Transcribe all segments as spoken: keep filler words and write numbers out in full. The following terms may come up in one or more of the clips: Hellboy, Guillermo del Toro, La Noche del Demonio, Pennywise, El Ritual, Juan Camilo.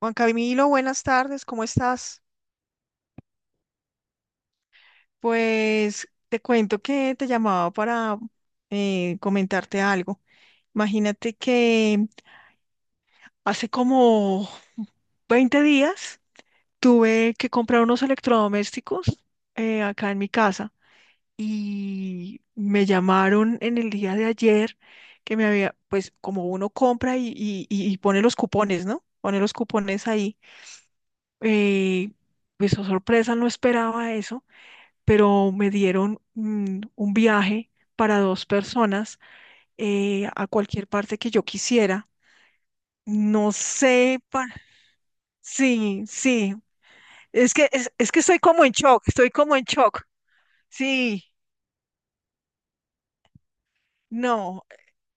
Juan Camilo, buenas tardes, ¿cómo estás? Pues te cuento que te llamaba para eh, comentarte algo. Imagínate que hace como veinte días tuve que comprar unos electrodomésticos eh, acá en mi casa y me llamaron en el día de ayer que me había, pues como uno compra y, y- y- y pone los cupones, ¿no? Pone los cupones ahí. eh, pues oh, sorpresa, no esperaba eso, pero me dieron mm, un viaje para dos personas eh, a cualquier parte que yo quisiera. No sé, pa- sí, sí, es que, es, es que estoy como en shock, estoy como en shock. Sí, no,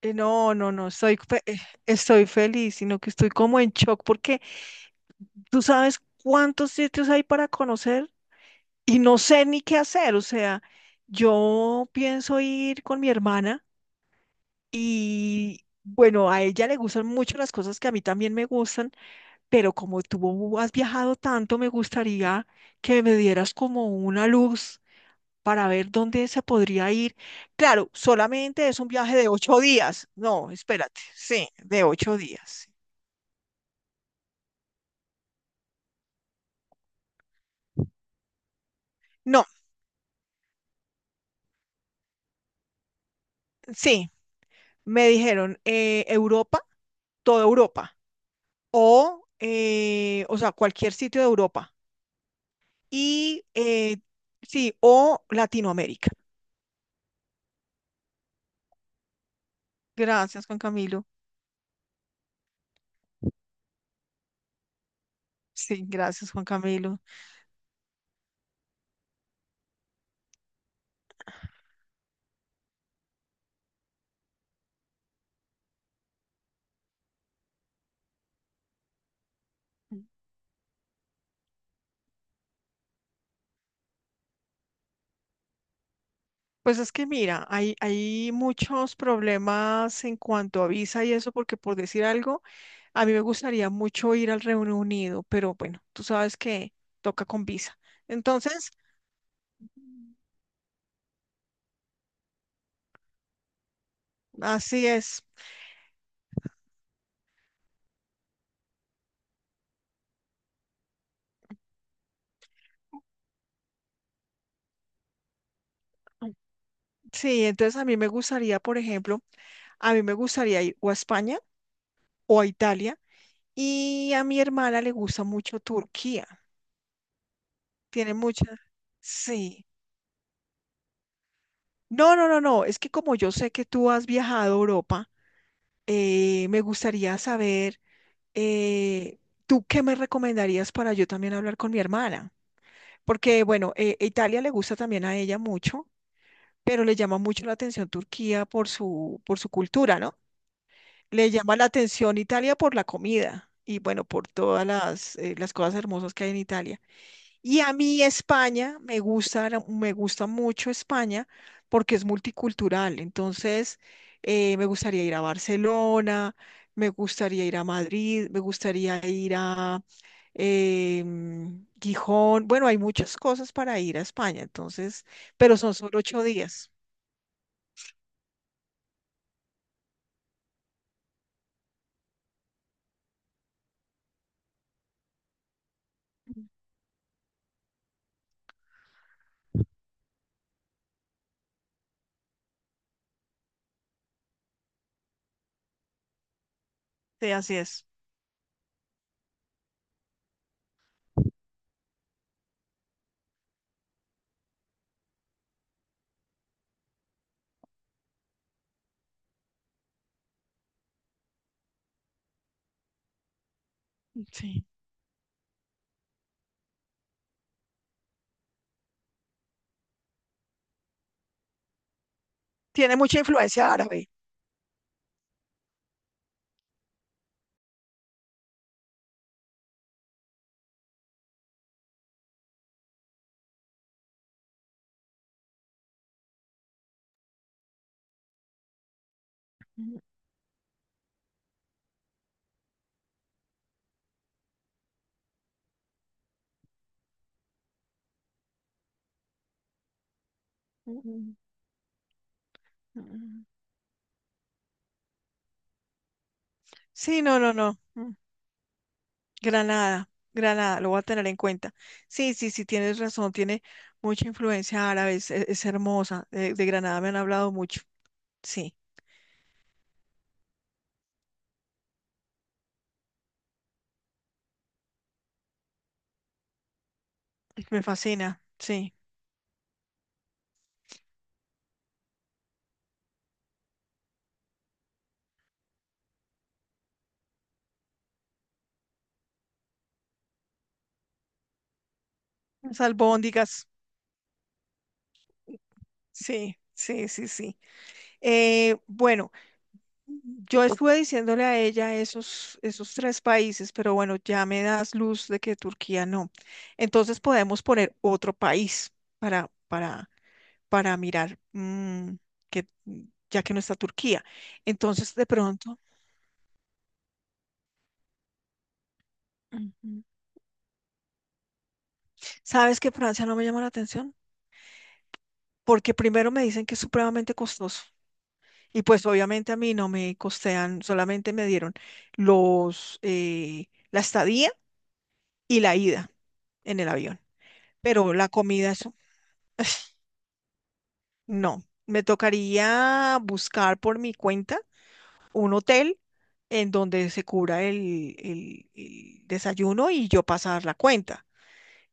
eh, no, no, no, estoy, fe- eh, estoy feliz, sino que estoy como en shock porque tú sabes cuántos sitios hay para conocer y no sé ni qué hacer, o sea, yo pienso ir con mi hermana. Y bueno, a ella le gustan mucho las cosas que a mí también me gustan, pero como tú has viajado tanto, me gustaría que me dieras como una luz para ver dónde se podría ir. Claro, solamente es un viaje de ocho días. No, espérate, sí, de ocho días. No, sí, me dijeron eh, Europa, toda Europa, o, eh, o sea, cualquier sitio de Europa, y eh, sí, o Latinoamérica. Gracias, Juan Camilo. Sí, gracias, Juan Camilo. Pues es que mira, hay, hay muchos problemas en cuanto a visa y eso, porque por decir algo, a mí me gustaría mucho ir al Reino Unido, pero bueno, tú sabes que toca con visa. Entonces, así es. Sí, entonces a mí me gustaría, por ejemplo, a mí me gustaría ir o a España o a Italia, y a mi hermana le gusta mucho Turquía. Tiene mucha, sí. No, no, no, no. Es que como yo sé que tú has viajado a Europa, eh, me gustaría saber, eh, ¿tú qué me recomendarías para yo también hablar con mi hermana? Porque, bueno, eh, Italia le gusta también a ella mucho, pero le llama mucho la atención Turquía por su, por su cultura, ¿no? Le llama la atención Italia por la comida y, bueno, por todas las, eh, las cosas hermosas que hay en Italia. Y a mí España, me gusta, la- me gusta mucho España porque es multicultural. Entonces, eh, me gustaría ir a Barcelona, me gustaría ir a Madrid, me gustaría ir a eh, mm, Gijón. Bueno, hay muchas cosas para ir a España, entonces, pero son solo ocho días. Sí, así es. Sí. Tiene mucha influencia árabe. Mm, mm, mm, mm. Sí, no, no, no. Mm. Granada, Granada, lo voy a tener en cuenta. Sí, sí, sí, tienes razón, tiene mucha influencia árabe, es, es- es hermosa. De, de Granada me han hablado mucho. Sí, me fascina, sí. Las albóndigas, sí, sí, sí, sí. Eh, bueno, yo estuve diciéndole a ella esos, esos tres países, pero bueno, ya me das luz de que Turquía no. Entonces podemos poner otro país para, para para mirar mm, que mm, ya que no está Turquía. Entonces, de pronto, ujú, ¿sabes que Francia no me llama la atención? Porque primero me dicen que es supremamente costoso. Y pues obviamente a mí no me costean, solamente me dieron los eh, la estadía y la ida en el avión. Pero la comida, eso no. Me tocaría buscar por mi cuenta un hotel en donde se cubra el, el el desayuno y yo pasar la cuenta.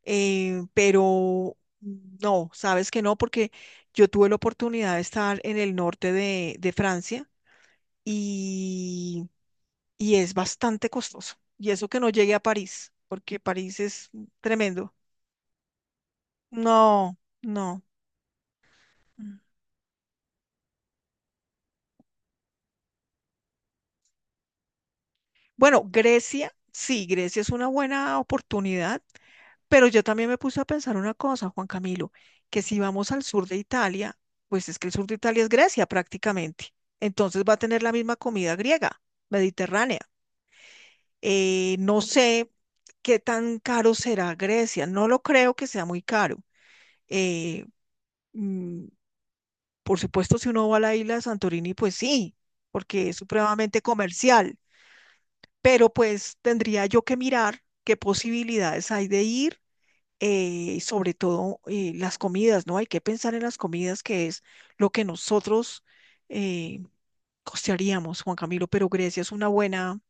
eh, Pero no, sabes que no, porque yo tuve la oportunidad de estar en el norte de, de Francia y, y es bastante costoso. Y eso que no llegué a París, porque París es tremendo. No, no. Bueno, Grecia, sí, Grecia es una buena oportunidad. Pero yo también me puse a pensar una cosa, Juan Camilo, que si vamos al sur de Italia, pues es que el sur de Italia es Grecia prácticamente. Entonces va a tener la misma comida griega, mediterránea. Eh, no sé qué tan caro será Grecia. No lo creo que sea muy caro. Eh, mm, por supuesto, si uno va a la isla de Santorini, pues sí, porque es supremamente comercial. Pero pues tendría yo que mirar qué posibilidades hay de ir eh, sobre todo eh, las comidas, ¿no? Hay que pensar en las comidas, que es lo que nosotros eh, costearíamos, Juan Camilo, pero Grecia es una buena,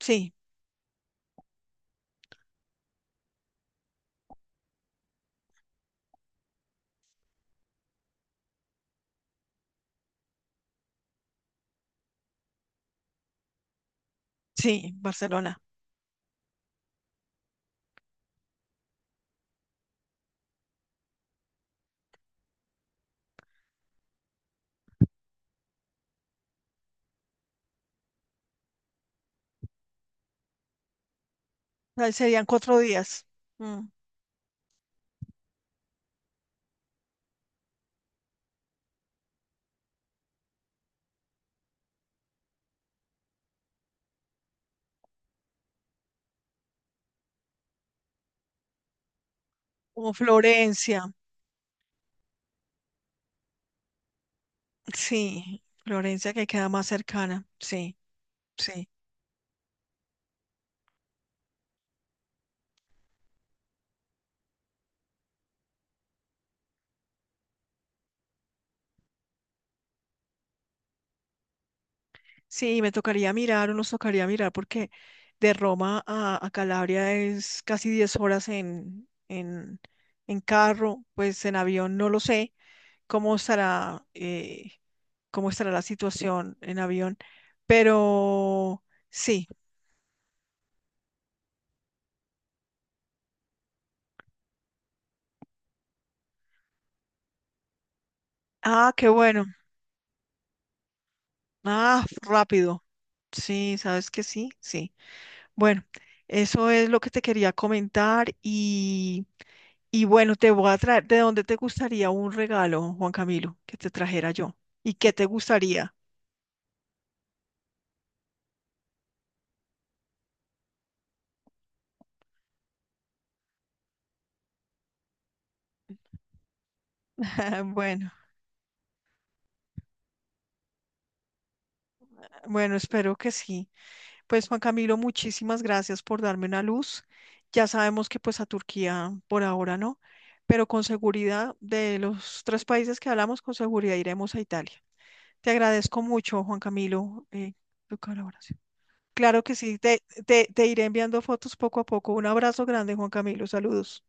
sí, sí, Barcelona. Ahí serían cuatro días, mm, como Florencia, sí, Florencia que queda más cercana, sí, sí, sí, me tocaría mirar o nos tocaría mirar porque de Roma a, a Calabria es casi diez horas en, en, en carro, pues en avión no lo sé cómo estará, eh, cómo estará la situación en avión. Pero sí. Ah, qué bueno. Ah, rápido. Sí, sabes que sí, sí. Bueno, eso es lo que te quería comentar y, y bueno, te voy a traer, ¿de dónde te gustaría un regalo, Juan Camilo, que te trajera yo? ¿Y qué te gustaría? Bueno, bueno, espero que sí. Pues Juan Camilo, muchísimas gracias por darme una luz. Ya sabemos que pues a Turquía por ahora no, pero con seguridad de los tres países que hablamos, con seguridad iremos a Italia. Te agradezco mucho, Juan Camilo, eh, tu colaboración. Claro que sí, te, te, te iré enviando fotos poco a poco. Un abrazo grande, Juan Camilo. Saludos.